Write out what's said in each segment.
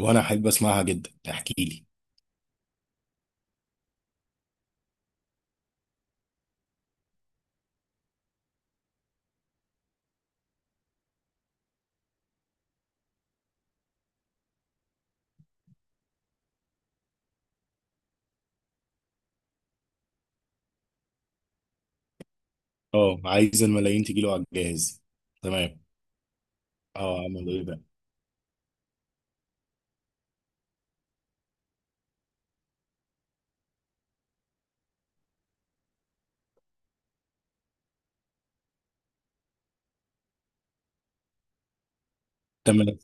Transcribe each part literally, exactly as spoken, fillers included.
وانا احب اسمعها جدا، احكي لي. اه، عايز الملايين تجي له على الجهاز. تمام. اه، اعمل ايه بقى. تمام.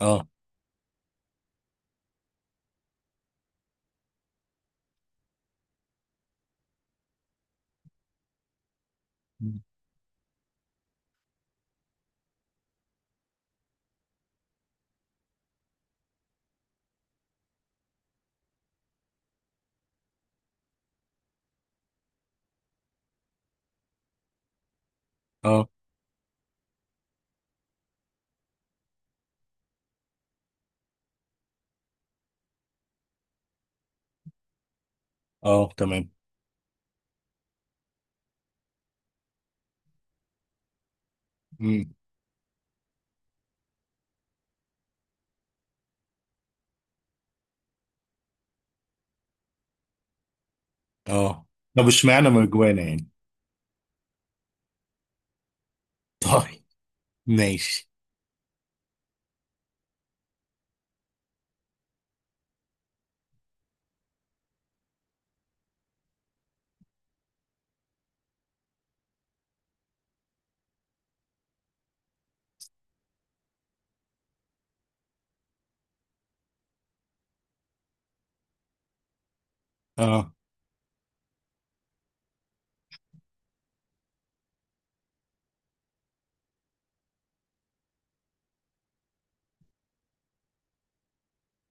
اه. اه. اه. تمام. امم. اه، طب اشمعنى مرجوانة يعني؟ طيب. ماشي. اه.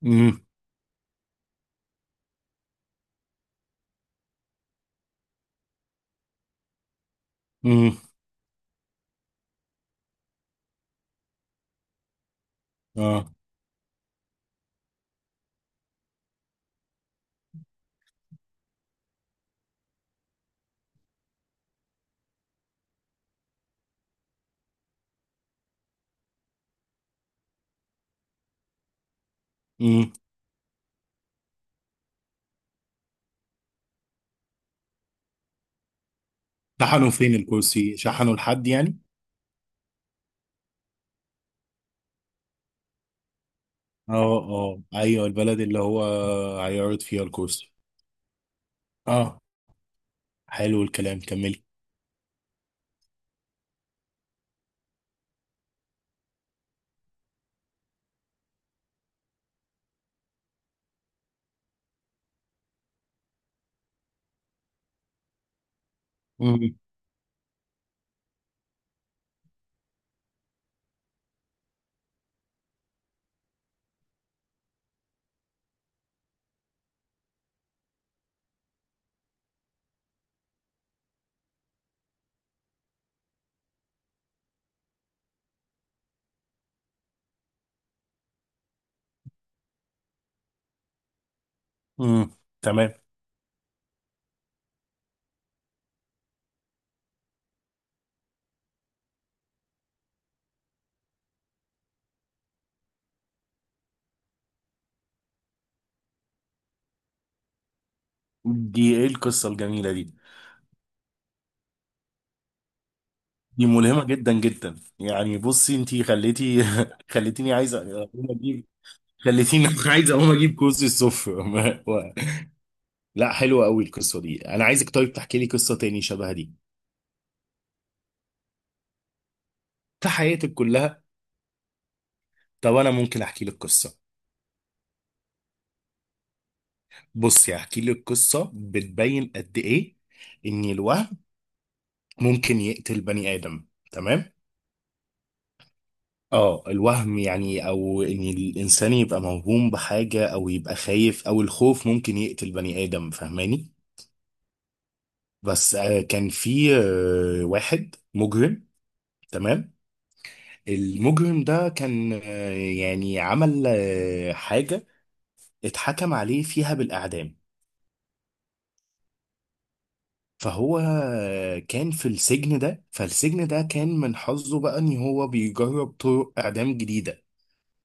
امم. امم. اه. امم، شحنوا فين الكرسي؟ شحنوا لحد يعني؟ اه اه ايوه، البلد اللي هو هيعرض فيها الكرسي. اه، حلو الكلام، كملي. امم. امم. تمام. دي ايه القصة الجميلة دي؟ دي ملهمة جدا جدا يعني. بصي انتي خليتي خليتيني عايز اقوم اجيب. خليتيني عايز اقوم اجيب كوز الصفر لا، حلوة قوي القصة دي. انا عايزك طيب تحكي لي قصة تاني شبه دي. في حياتك كلها؟ طب انا ممكن احكي لك قصة. بصي هحكي لك قصة بتبين قد ايه ان الوهم ممكن يقتل بني ادم. تمام. اه، الوهم يعني، او ان الانسان يبقى موهوم بحاجة او يبقى خايف، او الخوف ممكن يقتل بني ادم، فاهماني؟ بس آه، كان في آه، واحد مجرم. تمام. المجرم ده كان، آه، يعني عمل آه، حاجة اتحكم عليه فيها بالإعدام. فهو آه، كان في السجن ده، فالسجن ده كان من حظه بقى ان هو بيجرب طرق إعدام جديدة.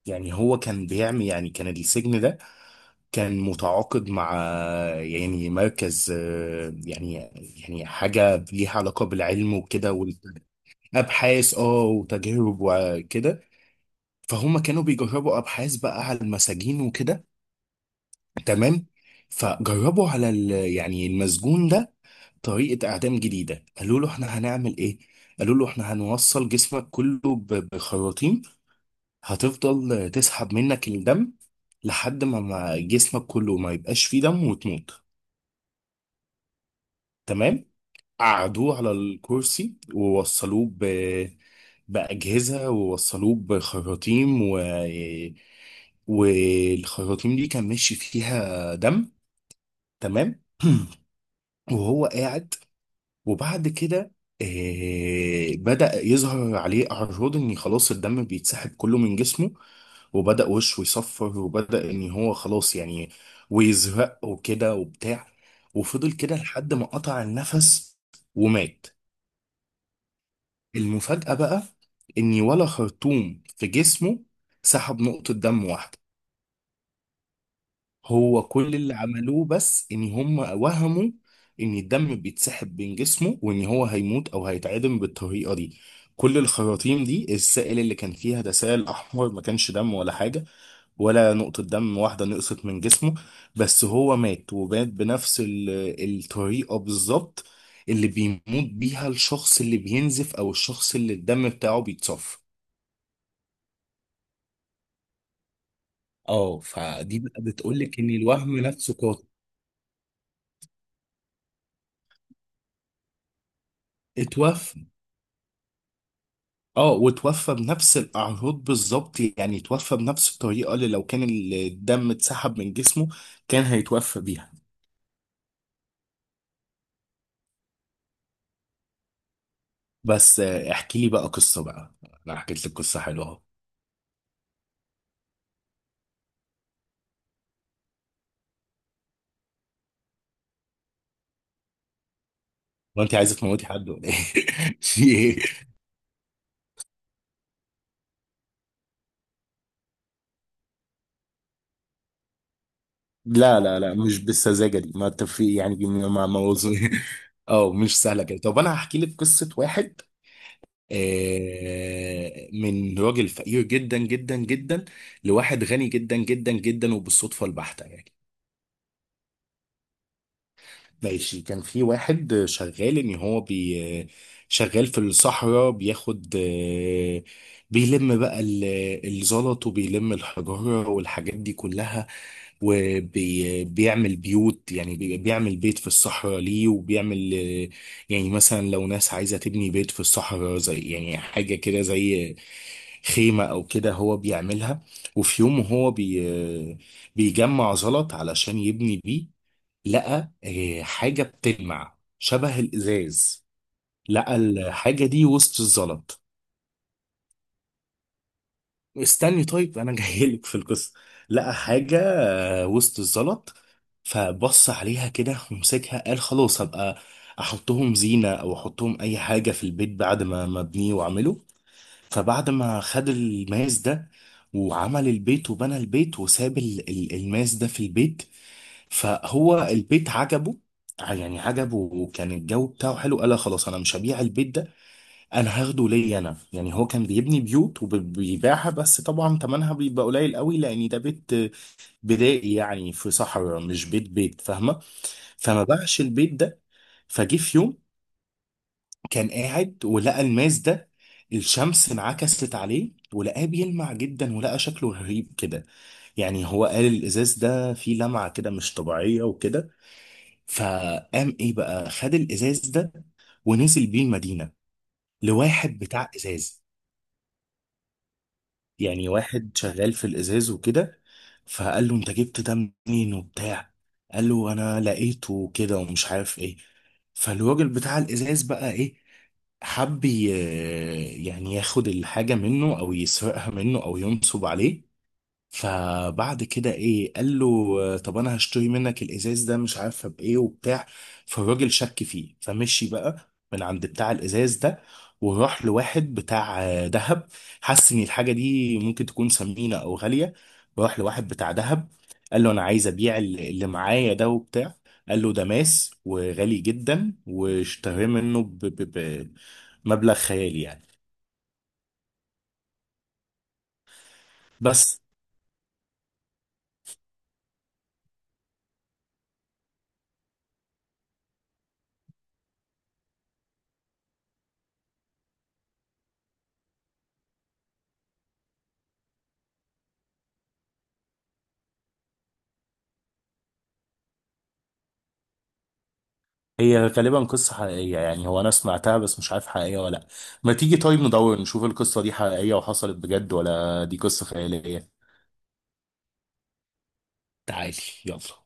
يعني هو كان بيعمل، يعني كان السجن ده كان متعاقد مع آه، يعني مركز، آه، يعني يعني حاجة ليها علاقة بالعلم وكده. ابحاث اه وتجارب وكده. فهم كانوا بيجربوا ابحاث بقى على المساجين وكده. تمام. فجربوا على ال- يعني المسجون ده طريقة اعدام جديدة. قالوا له احنا هنعمل ايه. قالوا له احنا هنوصل جسمك كله ب- بخراطيم هتفضل تسحب منك الدم لحد ما ما جسمك كله ما يبقاش فيه دم وتموت. تمام. قعدوه على الكرسي ووصلوه ب بأجهزة، ووصلوه بخراطيم، والخراطيم دي كان ماشي فيها دم. تمام. وهو قاعد، وبعد كده آه، بدأ يظهر عليه أعراض إن خلاص الدم بيتسحب كله من جسمه، وبدأ وشه يصفر، وبدأ إن هو خلاص يعني ويزرق وكده وبتاع. وفضل كده لحد ما قطع النفس ومات. المفاجأة بقى إن ولا خرطوم في جسمه سحب نقطة دم واحدة. هو كل اللي عملوه بس ان هم وهموا ان الدم بيتسحب من جسمه وان هو هيموت او هيتعدم بالطريقه دي. كل الخراطيم دي السائل اللي كان فيها ده سائل احمر، ما كانش دم ولا حاجه. ولا نقطه دم واحده نقصت من جسمه. بس هو مات، ومات بنفس ال- الطريقه بالظبط اللي بيموت بيها الشخص اللي بينزف، او الشخص اللي الدم بتاعه بيتصفى. اه، فدي بقى بتقولك ان الوهم نفسه قاتل. اتوفى. اه، وتوفى بنفس الاعراض بالظبط. يعني توفى بنفس الطريقه اللي لو كان الدم اتسحب من جسمه كان هيتوفى بيها. بس آه، احكي لي بقى قصه بقى. انا حكيت لك قصه حلوه اهو. وانت عايزه تموتي حد ولا ايه؟ في إيه؟ لا لا لا، مش بالسذاجه دي ما تفي، يعني ما موضوع اه مش سهله كده. طب انا هحكي لك قصه واحد آه، من راجل فقير جدا جدا جدا لواحد غني جدا جدا جدا، وبالصدفه البحته يعني. ماشي. كان في واحد شغال ان هو بي، شغال في الصحراء، بياخد آه، بيلم بقى ال- الزلط، وبيلم الحجارة والحاجات دي كلها، وبيعمل بيوت. يعني بي- بيعمل بيت في الصحراء ليه، وبيعمل آه، يعني مثلا لو ناس عايزة تبني بيت في الصحراء زي يعني حاجة كده زي خيمة أو كده هو بيعملها. وفي يوم هو بي بيجمع زلط علشان يبني بيه، لقى آه، حاجة بتلمع شبه الإزاز. لقى الحاجة دي وسط الزلط. استني طيب أنا جايلك في القصة. لقى حاجة آه، وسط الزلط. فبص عليها كده ومسكها، قال خلاص هبقى أحطهم زينة أو أحطهم أي حاجة في البيت بعد ما ما أبنيه وأعمله. فبعد ما خد الماس ده وعمل البيت وبنى البيت، وساب ال- ال- الماس ده في البيت. فهو البيت عجبه، يعني عجبه وكان الجو بتاعه حلو. قال لا خلاص انا مش هبيع البيت ده، انا هاخده ليا انا. يعني هو كان بيبني بيوت وبيبيعها، بس طبعا ثمنها بيبقى قليل قوي لان ده بيت بدائي، يعني في صحراء، مش بيت بيت، فاهمه؟ فما باعش البيت ده. فجه في يوم كان قاعد ولقى الماس ده، الشمس انعكست عليه ولقاه بيلمع جدا، ولقى شكله غريب كده. يعني هو قال الازاز ده فيه لمعة كده مش طبيعية وكده. فقام ايه بقى، خد الازاز ده ونزل بيه المدينه لواحد بتاع ازاز، يعني واحد شغال في الازاز وكده. فقال له انت جبت ده منين وبتاع. قال له انا لقيته وكده ومش عارف ايه. فالراجل بتاع الازاز بقى ايه، حب ي- يعني ياخد الحاجه منه او يسرقها منه او ينصب عليه. فبعد كده ايه قال له آه، طب انا هشتري منك الازاز ده مش عارفه بايه وبتاع. فالراجل شك فيه، فمشي بقى من عند بتاع الازاز ده وراح لواحد بتاع آه، دهب. حس ان الحاجه دي ممكن تكون ثمينه او غاليه، راح لواحد بتاع دهب قال له انا عايز ابيع اللي اللي معايا ده وبتاع. قال له ده ماس وغالي جدا، واشتراه منه ب- ب- بمبلغ خيالي يعني. بس هي غالبا قصة حقيقية يعني، هو أنا سمعتها بس مش عارف حقيقية ولا لأ. ما تيجي طيب ندور نشوف القصة دي حقيقية وحصلت بجد ولا دي قصة خيالية. تعالي. يلا.